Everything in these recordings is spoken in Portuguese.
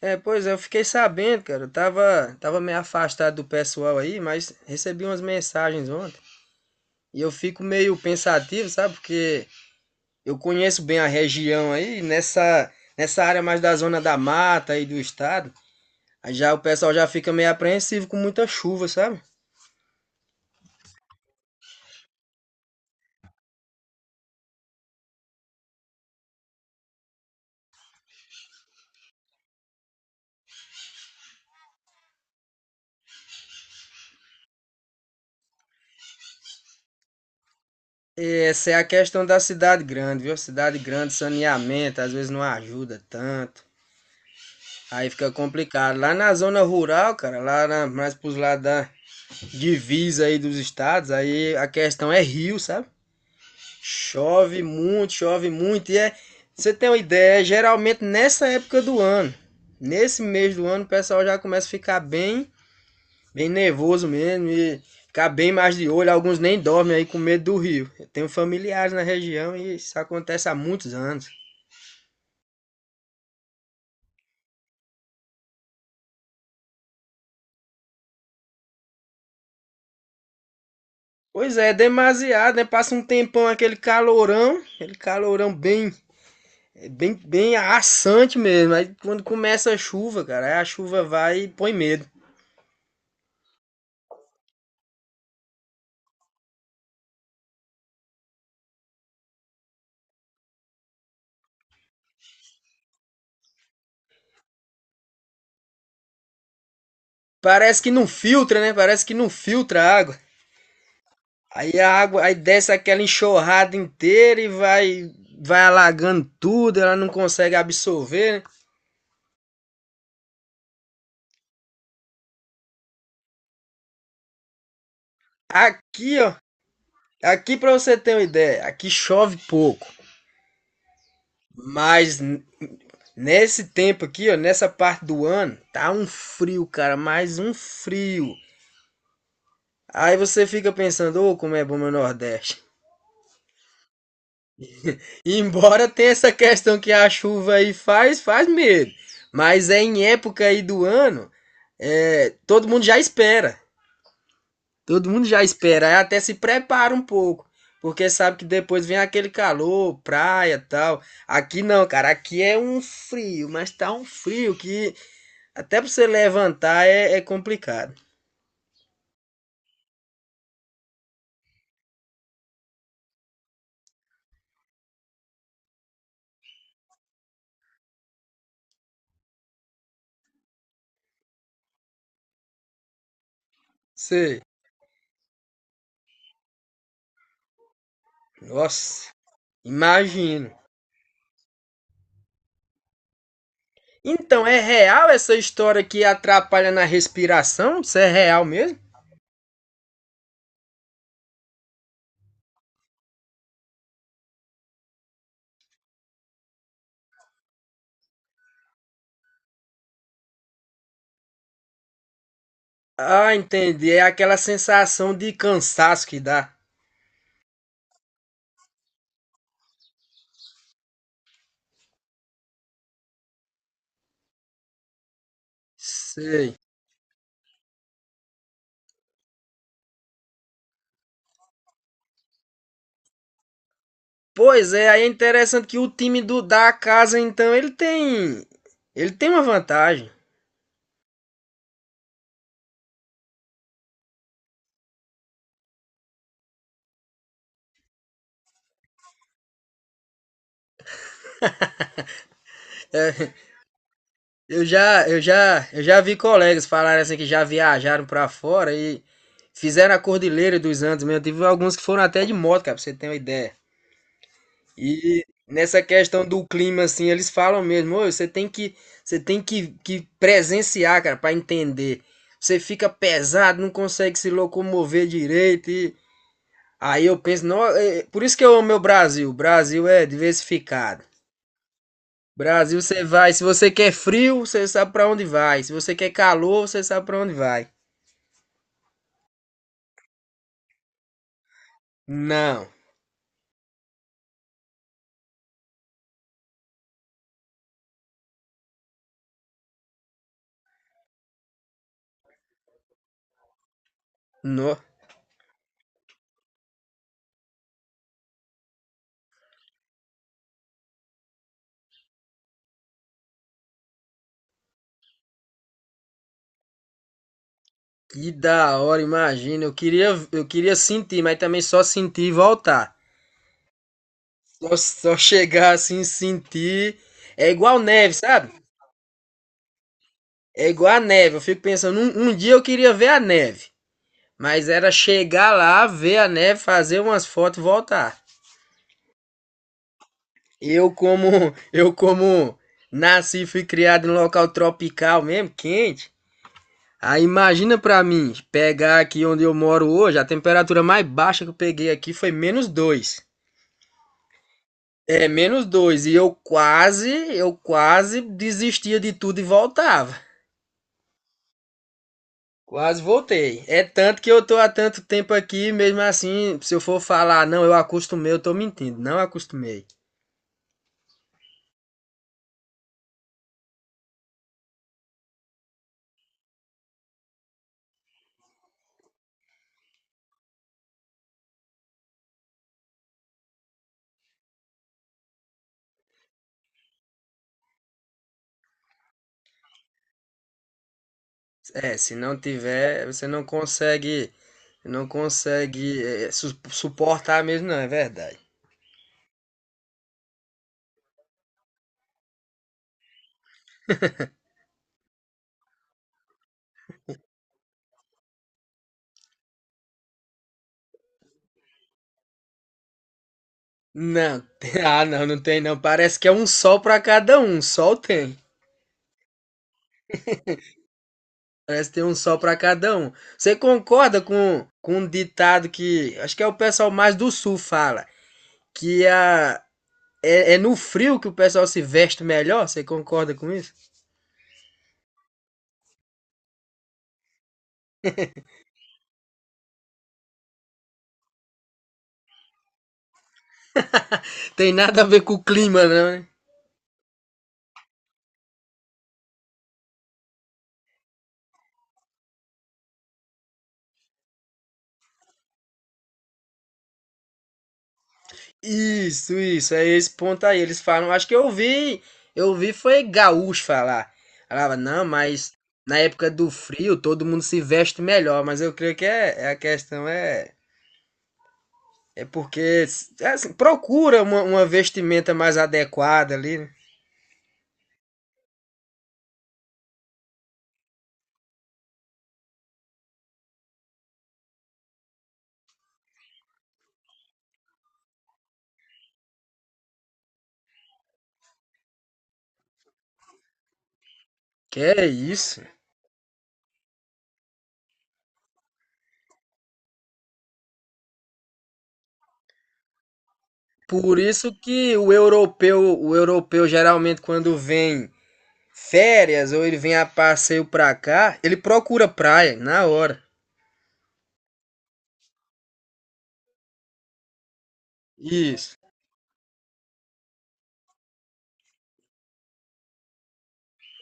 É, pois é, eu fiquei sabendo, cara. Eu tava meio afastado do pessoal aí, mas recebi umas mensagens ontem. E eu fico meio pensativo, sabe? Porque eu conheço bem a região aí, nessa área mais da zona da mata aí do estado. Aí já o pessoal já fica meio apreensivo com muita chuva, sabe? E essa é a questão da cidade grande, viu? Cidade grande, saneamento, às vezes não ajuda tanto. Aí fica complicado. Lá na zona rural, cara, lá na, mais pros lados da, divisa aí dos estados, aí a questão é rio, sabe? Chove muito, chove muito. Você tem uma ideia, é geralmente nessa época do ano, nesse mês do ano, o pessoal já começa a ficar bem nervoso mesmo e ficar bem mais de olho. Alguns nem dormem aí com medo do rio. Eu tenho familiares na região e isso acontece há muitos anos. Pois é, é demasiado, né? Passa um tempão aquele calorão bem. É bem assante mesmo. Aí quando começa a chuva, cara, aí a chuva vai e põe medo. Parece que não filtra, né? Parece que não filtra a água. Aí desce aquela enxurrada inteira e vai alagando tudo, ela não consegue absorver, né? Aqui, ó, aqui para você ter uma ideia, aqui chove pouco, mas nesse tempo aqui, ó, nessa parte do ano, tá um frio, cara, mais um frio. Aí você fica pensando, ô, como é bom meu Nordeste. E Embora tenha essa questão que a chuva aí faz, faz medo. Mas é em época aí do ano, é, todo mundo já espera. Todo mundo já espera, aí até se prepara um pouco. Porque sabe que depois vem aquele calor, praia e tal. Aqui não, cara, aqui é um frio, mas tá um frio que até pra você levantar é complicado. Sei. Nossa, imagino. Então, é real essa história que atrapalha na respiração? Isso é real mesmo? Ah, entendi. É aquela sensação de cansaço que dá. Sei. Pois é, aí é interessante que o time do da casa, então, ele tem uma vantagem. Eu já vi colegas falarem assim que já viajaram pra fora e fizeram a Cordilheira dos Andes mesmo. Tive alguns que foram até de moto, cara, pra você ter uma ideia. E nessa questão do clima, assim, eles falam mesmo: "Ô, você tem que presenciar, cara, pra entender. Você fica pesado, não consegue se locomover direito." E aí eu penso, não, é por isso que eu amo o Brasil. O Brasil é diversificado. Brasil, você vai, se você quer frio, você sabe pra onde vai. Se você quer calor, você sabe pra onde vai. Não, não. Que da hora, imagina. Eu queria sentir, mas também só sentir e voltar. Só chegar assim, sentir. É igual neve, sabe? É igual a neve. Eu fico pensando, um dia eu queria ver a neve. Mas era chegar lá, ver a neve, fazer umas fotos e voltar. Eu como, eu como nasci e fui criado em local tropical mesmo, quente. Aí imagina pra mim, pegar aqui onde eu moro hoje, a temperatura mais baixa que eu peguei aqui foi -2. É, -2. E eu quase desistia de tudo e voltava. Quase voltei. É tanto que eu tô há tanto tempo aqui, mesmo assim, se eu for falar, não, eu acostumei, eu tô mentindo. Não acostumei. É, se não tiver, você não consegue, não consegue suportar mesmo, não, é verdade. Não, ah, não tem não. Parece que é um sol pra cada um. Sol tem. Parece que tem um sol pra cada um. Você concorda com um ditado que acho que é o pessoal mais do sul fala, que a é, é no frio que o pessoal se veste melhor, você concorda com isso? Tem nada a ver com o clima, não, né? Isso, é esse ponto aí. Eles falam, acho que eu vi foi gaúcho falar. Falava, não, mas na época do frio todo mundo se veste melhor, mas eu creio que é a questão é porque é assim, procura uma vestimenta mais adequada ali, né? Que é isso. Por isso que o europeu geralmente quando vem férias ou ele vem a passeio pra cá, ele procura praia na hora. Isso.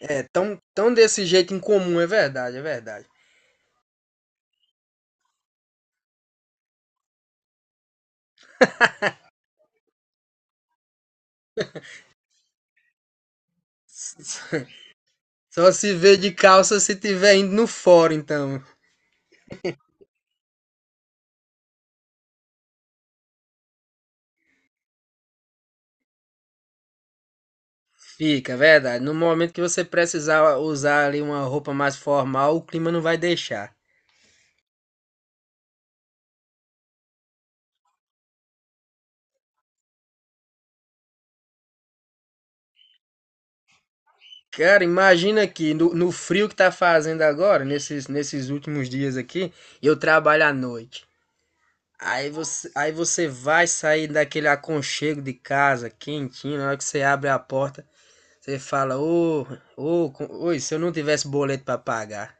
É, tão desse jeito incomum, é verdade, é verdade. Só se vê de calça se tiver indo no fórum, então. Fica, é verdade. No momento que você precisar usar ali uma roupa mais formal, o clima não vai deixar. Cara, imagina aqui, no frio que tá fazendo agora, nesses últimos dias aqui, eu trabalho à noite. Aí você vai sair daquele aconchego de casa, quentinho, na hora que você abre a porta, você fala, ô, ô, oi, se eu não tivesse boleto pra pagar,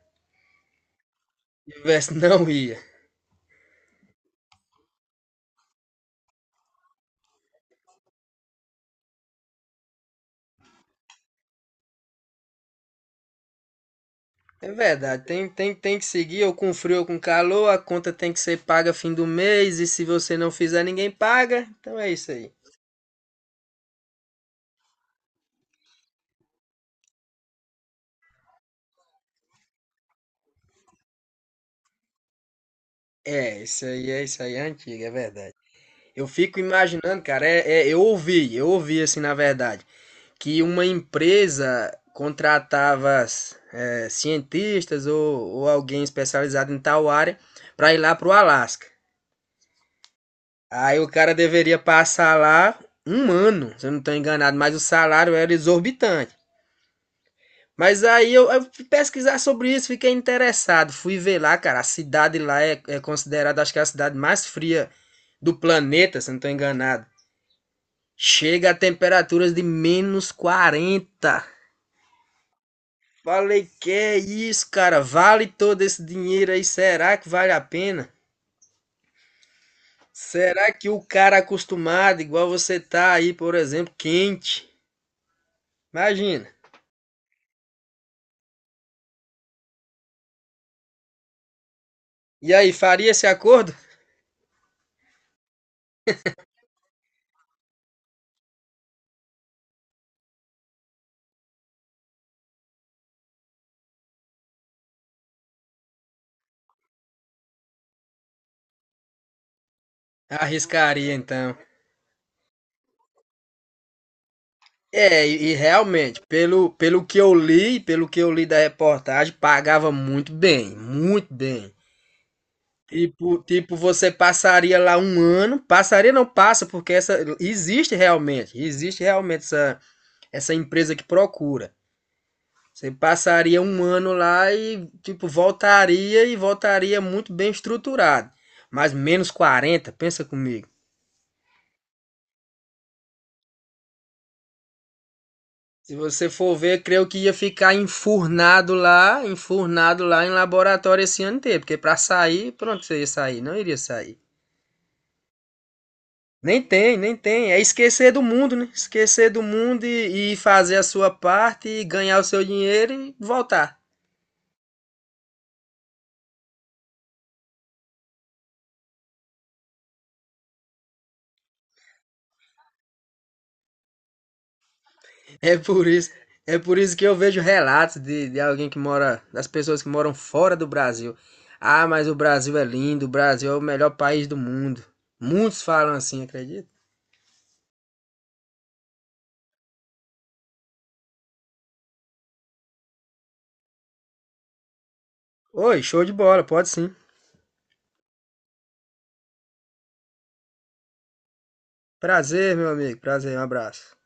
tivesse, não ia. É verdade, tem que seguir, ou com frio ou com calor, a conta tem que ser paga fim do mês, e se você não fizer, ninguém paga, então é isso aí. É, isso aí, é isso aí, é antigo, é verdade. Eu fico imaginando, cara, eu ouvi assim, na verdade, que uma empresa contratava cientistas ou alguém especializado em tal área para ir lá para o Alasca. Aí o cara deveria passar lá um ano, se eu não estou enganado, mas o salário era exorbitante. Mas aí eu fui pesquisar sobre isso, fiquei interessado, fui ver lá, cara, a cidade lá é considerada, acho que é a cidade mais fria do planeta, se eu não estou enganado. Chega a temperaturas de -40. Falei, que é isso, cara? Vale todo esse dinheiro aí? Será que vale a pena? Será que o cara acostumado, igual você tá aí, por exemplo, quente? Imagina. E aí, faria esse acordo? Arriscaria então. É, e realmente, pelo, pelo que eu li, pelo que eu li da reportagem, pagava muito bem, muito bem. Tipo, tipo, você passaria lá um ano, passaria não passa, porque essa existe realmente essa empresa que procura. Você passaria um ano lá e, tipo, voltaria e voltaria muito bem estruturado. Mas -40, pensa comigo. Se você for ver, creio que ia ficar enfurnado lá em laboratório esse ano inteiro. Porque pra sair, pronto, você ia sair, não iria sair. Nem tem, nem tem. É esquecer do mundo, né? Esquecer do mundo e fazer a sua parte, e ganhar o seu dinheiro e voltar. É por isso, é por isso que eu vejo relatos de alguém que mora, das pessoas que moram fora do Brasil. Ah, mas o Brasil é lindo, o Brasil é o melhor país do mundo. Muitos falam assim, acredita? Oi, show de bola, pode sim. Prazer, meu amigo, prazer, um abraço.